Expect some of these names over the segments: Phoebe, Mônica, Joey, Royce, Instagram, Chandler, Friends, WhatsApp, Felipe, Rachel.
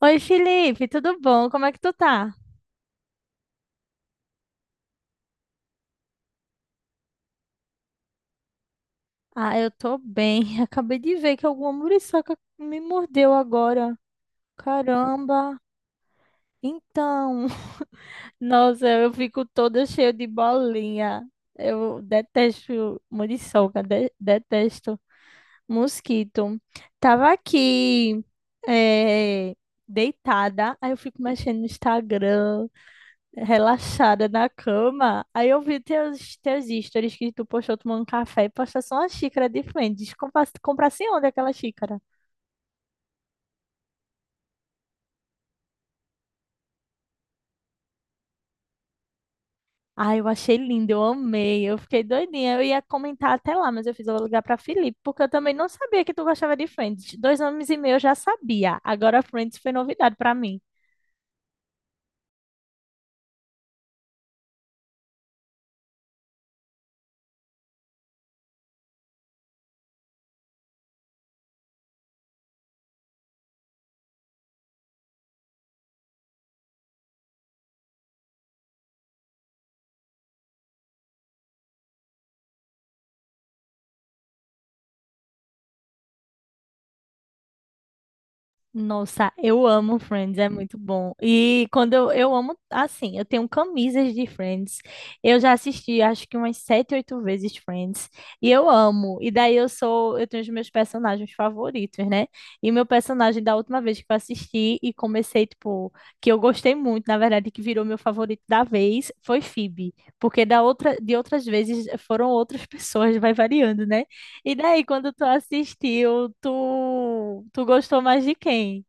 Oi, Felipe, tudo bom? Como é que tu tá? Ah, eu tô bem. Acabei de ver que alguma muriçoca me mordeu agora. Caramba! Então, nossa, eu fico toda cheia de bolinha. Eu detesto muriçoca, detesto mosquito. Tava aqui, eh, deitada, aí eu fico mexendo no Instagram. Relaxada na cama. Aí eu vi teus stories que tu postou tomando café e postou só uma xícara diferente, frente. Comprasse onde aquela xícara? Ai, eu achei lindo, eu amei, eu fiquei doidinha. Eu ia comentar até lá, mas eu vou ligar pra Felipe, porque eu também não sabia que tu gostava de Friends. 2 anos e meio eu já sabia, agora Friends foi novidade pra mim. Nossa, eu amo Friends, é muito bom. E quando eu amo, assim, eu tenho camisas de Friends. Eu já assisti, acho que umas sete, oito vezes Friends. E eu amo. E daí eu tenho os meus personagens favoritos, né? E meu personagem da última vez que eu assisti e comecei, tipo, que eu gostei muito, na verdade, que virou meu favorito da vez, foi Phoebe. Porque da outra, de outras vezes foram outras pessoas, vai variando, né? E daí, quando tu assistiu, tu gostou mais de quem?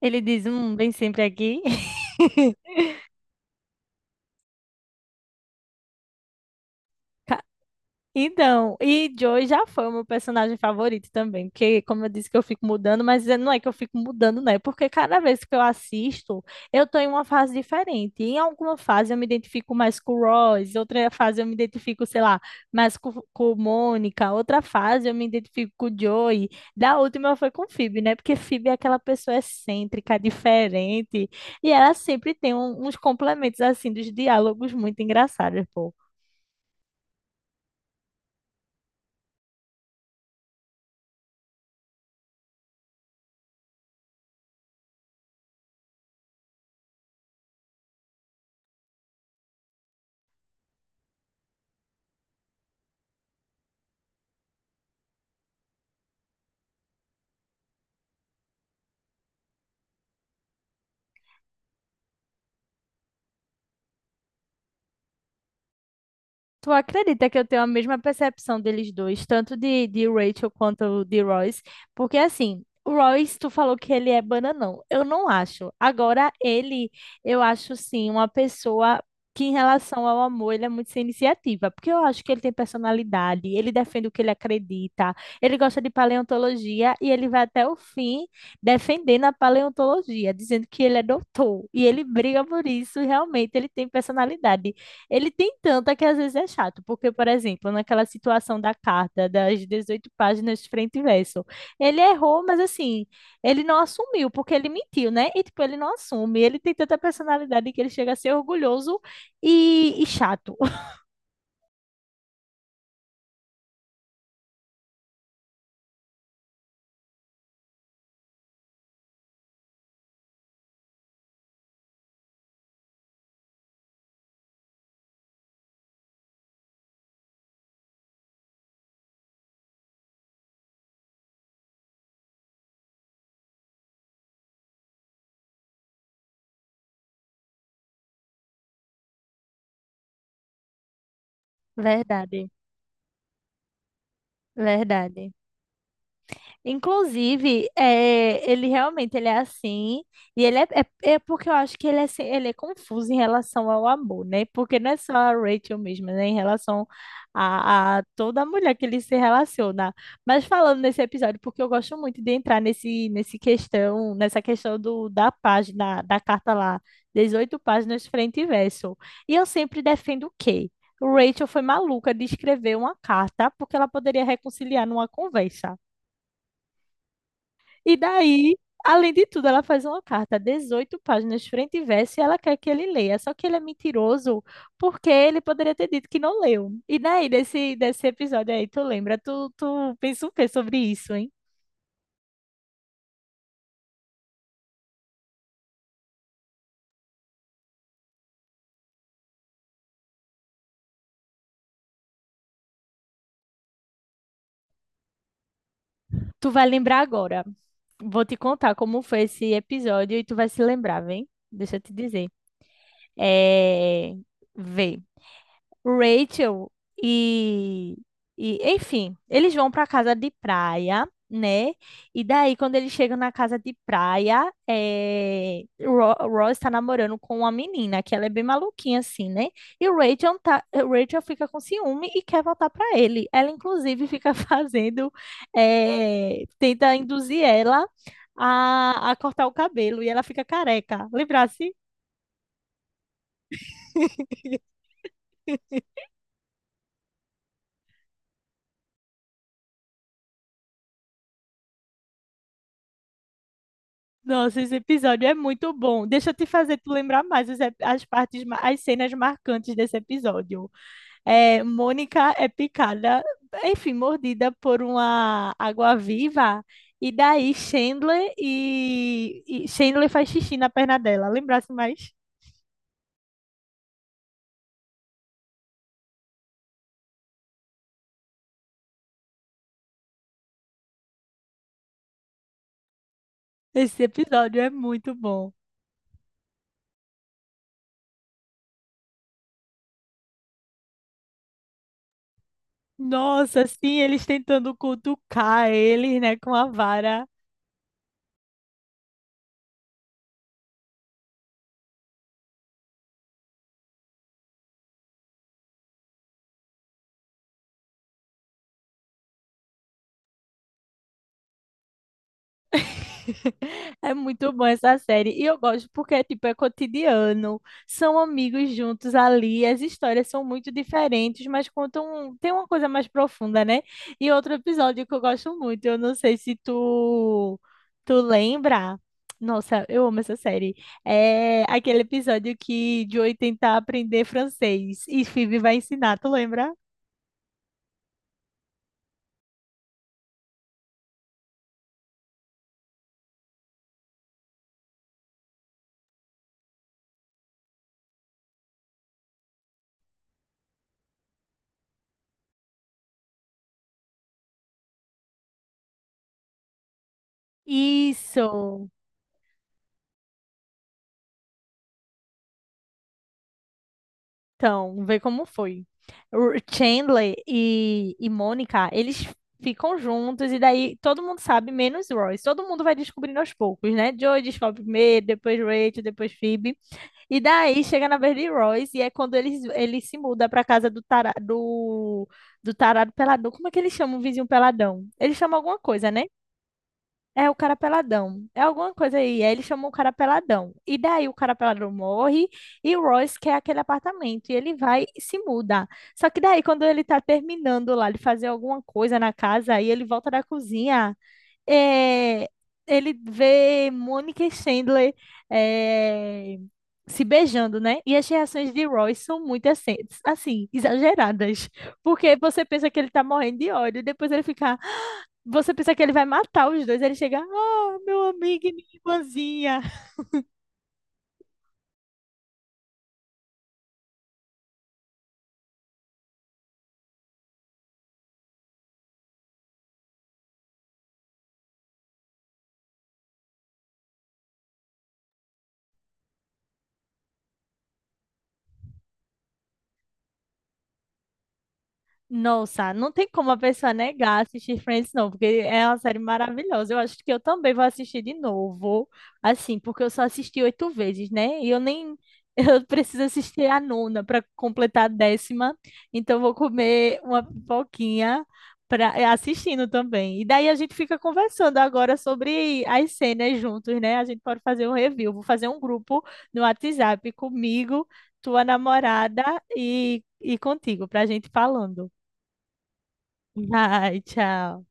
Ele diz, vem sempre aqui. Então, e Joey já foi o meu personagem favorito também, porque, como eu disse que eu fico mudando, mas não é que eu fico mudando, né? Porque cada vez que eu assisto, eu tô em uma fase diferente. Em alguma fase eu me identifico mais com o Royce, outra fase eu me identifico, sei lá, mais com Mônica, outra fase eu me identifico com o Joey. Da última foi com Phoebe, né? Porque Phoebe é aquela pessoa excêntrica, diferente, e ela sempre tem uns complementos, assim, dos diálogos muito engraçados, pô. Tu acredita que eu tenho a mesma percepção deles dois, tanto de Rachel quanto de Royce? Porque assim, o Royce, tu falou que ele é bananão. Eu não acho. Agora, ele, eu acho sim, uma pessoa que, em relação ao amor, ele é muito sem iniciativa. Porque eu acho que ele tem personalidade, ele defende o que ele acredita, ele gosta de paleontologia e ele vai até o fim defendendo a paleontologia, dizendo que ele é doutor. E ele briga por isso, e realmente ele tem personalidade. Ele tem tanta que às vezes é chato, porque, por exemplo, naquela situação da carta, das 18 páginas de frente e verso, ele errou, mas assim, ele não assumiu, porque ele mentiu, né? E, tipo, ele não assume. Ele tem tanta personalidade que ele chega a ser orgulhoso e chato. Verdade, verdade. Inclusive, é, ele realmente ele é assim, e ele é, é porque eu acho que ele é, ele é confuso em relação ao amor, né? Porque não é só a Rachel mesmo, né? Em relação a toda mulher que ele se relaciona. Mas falando nesse episódio, porque eu gosto muito de entrar nessa questão da página, da carta lá, 18 páginas frente e verso. E eu sempre defendo o quê? Rachel foi maluca de escrever uma carta porque ela poderia reconciliar numa conversa. E daí, além de tudo, ela faz uma carta, 18 páginas, frente e verso, e ela quer que ele leia. Só que ele é mentiroso, porque ele poderia ter dito que não leu. E daí, desse episódio aí, tu lembra? Tu, tu pensa o quê sobre isso, hein? Tu vai lembrar agora. Vou te contar como foi esse episódio e tu vai se lembrar, vem? Deixa eu te dizer. É... Vê. Rachel e, e enfim, eles vão para casa de praia, né? E daí, quando eles chegam na casa de praia, é, Ross está namorando com uma menina, que ela é bem maluquinha, assim, né? E o Rachel, tá, Rachel fica com ciúme e quer voltar para ele. Ela, inclusive, fica fazendo, é, tenta induzir ela a cortar o cabelo e ela fica careca. Lembrasse? Nossa, esse episódio é muito bom. Deixa eu te fazer tu lembrar mais os as, partes, as cenas marcantes desse episódio. É, Mônica é picada, enfim, mordida por uma água-viva. E daí Chandler e Chandler faz xixi na perna dela. Lembrasse mais? Esse episódio é muito bom. Nossa, sim, eles tentando cutucar eles, né, com a vara. É muito bom essa série. E eu gosto porque, tipo, é cotidiano. São amigos juntos ali. As histórias são muito diferentes, mas contam... um, tem uma coisa mais profunda, né? E outro episódio que eu gosto muito, eu não sei se tu... Tu lembra? Nossa, eu amo essa série. É aquele episódio que Joey tenta aprender francês e Phoebe vai ensinar, tu lembra? Isso! Então, vê como foi. O Chandler e Mônica, eles ficam juntos e daí todo mundo sabe, menos Royce. Todo mundo vai descobrindo aos poucos, né? Joey descobre primeiro, depois Rachel, depois Phoebe. E daí chega na vez de Royce e é quando eles ele se muda pra casa do tarado, do tarado peladão. Como é que eles chamam o vizinho peladão? Eles chamam alguma coisa, né? É o cara peladão. É alguma coisa aí. Aí ele chamou o cara peladão. E daí o cara peladão morre e o Royce quer aquele apartamento. E ele vai e se muda. Só que daí, quando ele tá terminando lá de fazer alguma coisa na casa, aí ele volta da cozinha. é, Ele vê Mônica e Chandler é, se beijando, né? E as reações de Royce são muito exageradas. Porque você pensa que ele tá morrendo de ódio. E depois ele fica. Você pensa que ele vai matar os dois, ele chega, ah, meu amigo e minha irmãzinha. Nossa, não tem como a pessoa negar assistir Friends, não, porque é uma série maravilhosa. Eu acho que eu também vou assistir de novo, assim, porque eu só assisti oito vezes, né? E eu nem. Eu preciso assistir a nona para completar a 10ª, então eu vou comer uma pipoquinha pra, assistindo também. E daí a gente fica conversando agora sobre as cenas juntos, né? A gente pode fazer um review. Vou fazer um grupo no WhatsApp comigo, tua namorada e contigo, para a gente falando. Vai, tchau.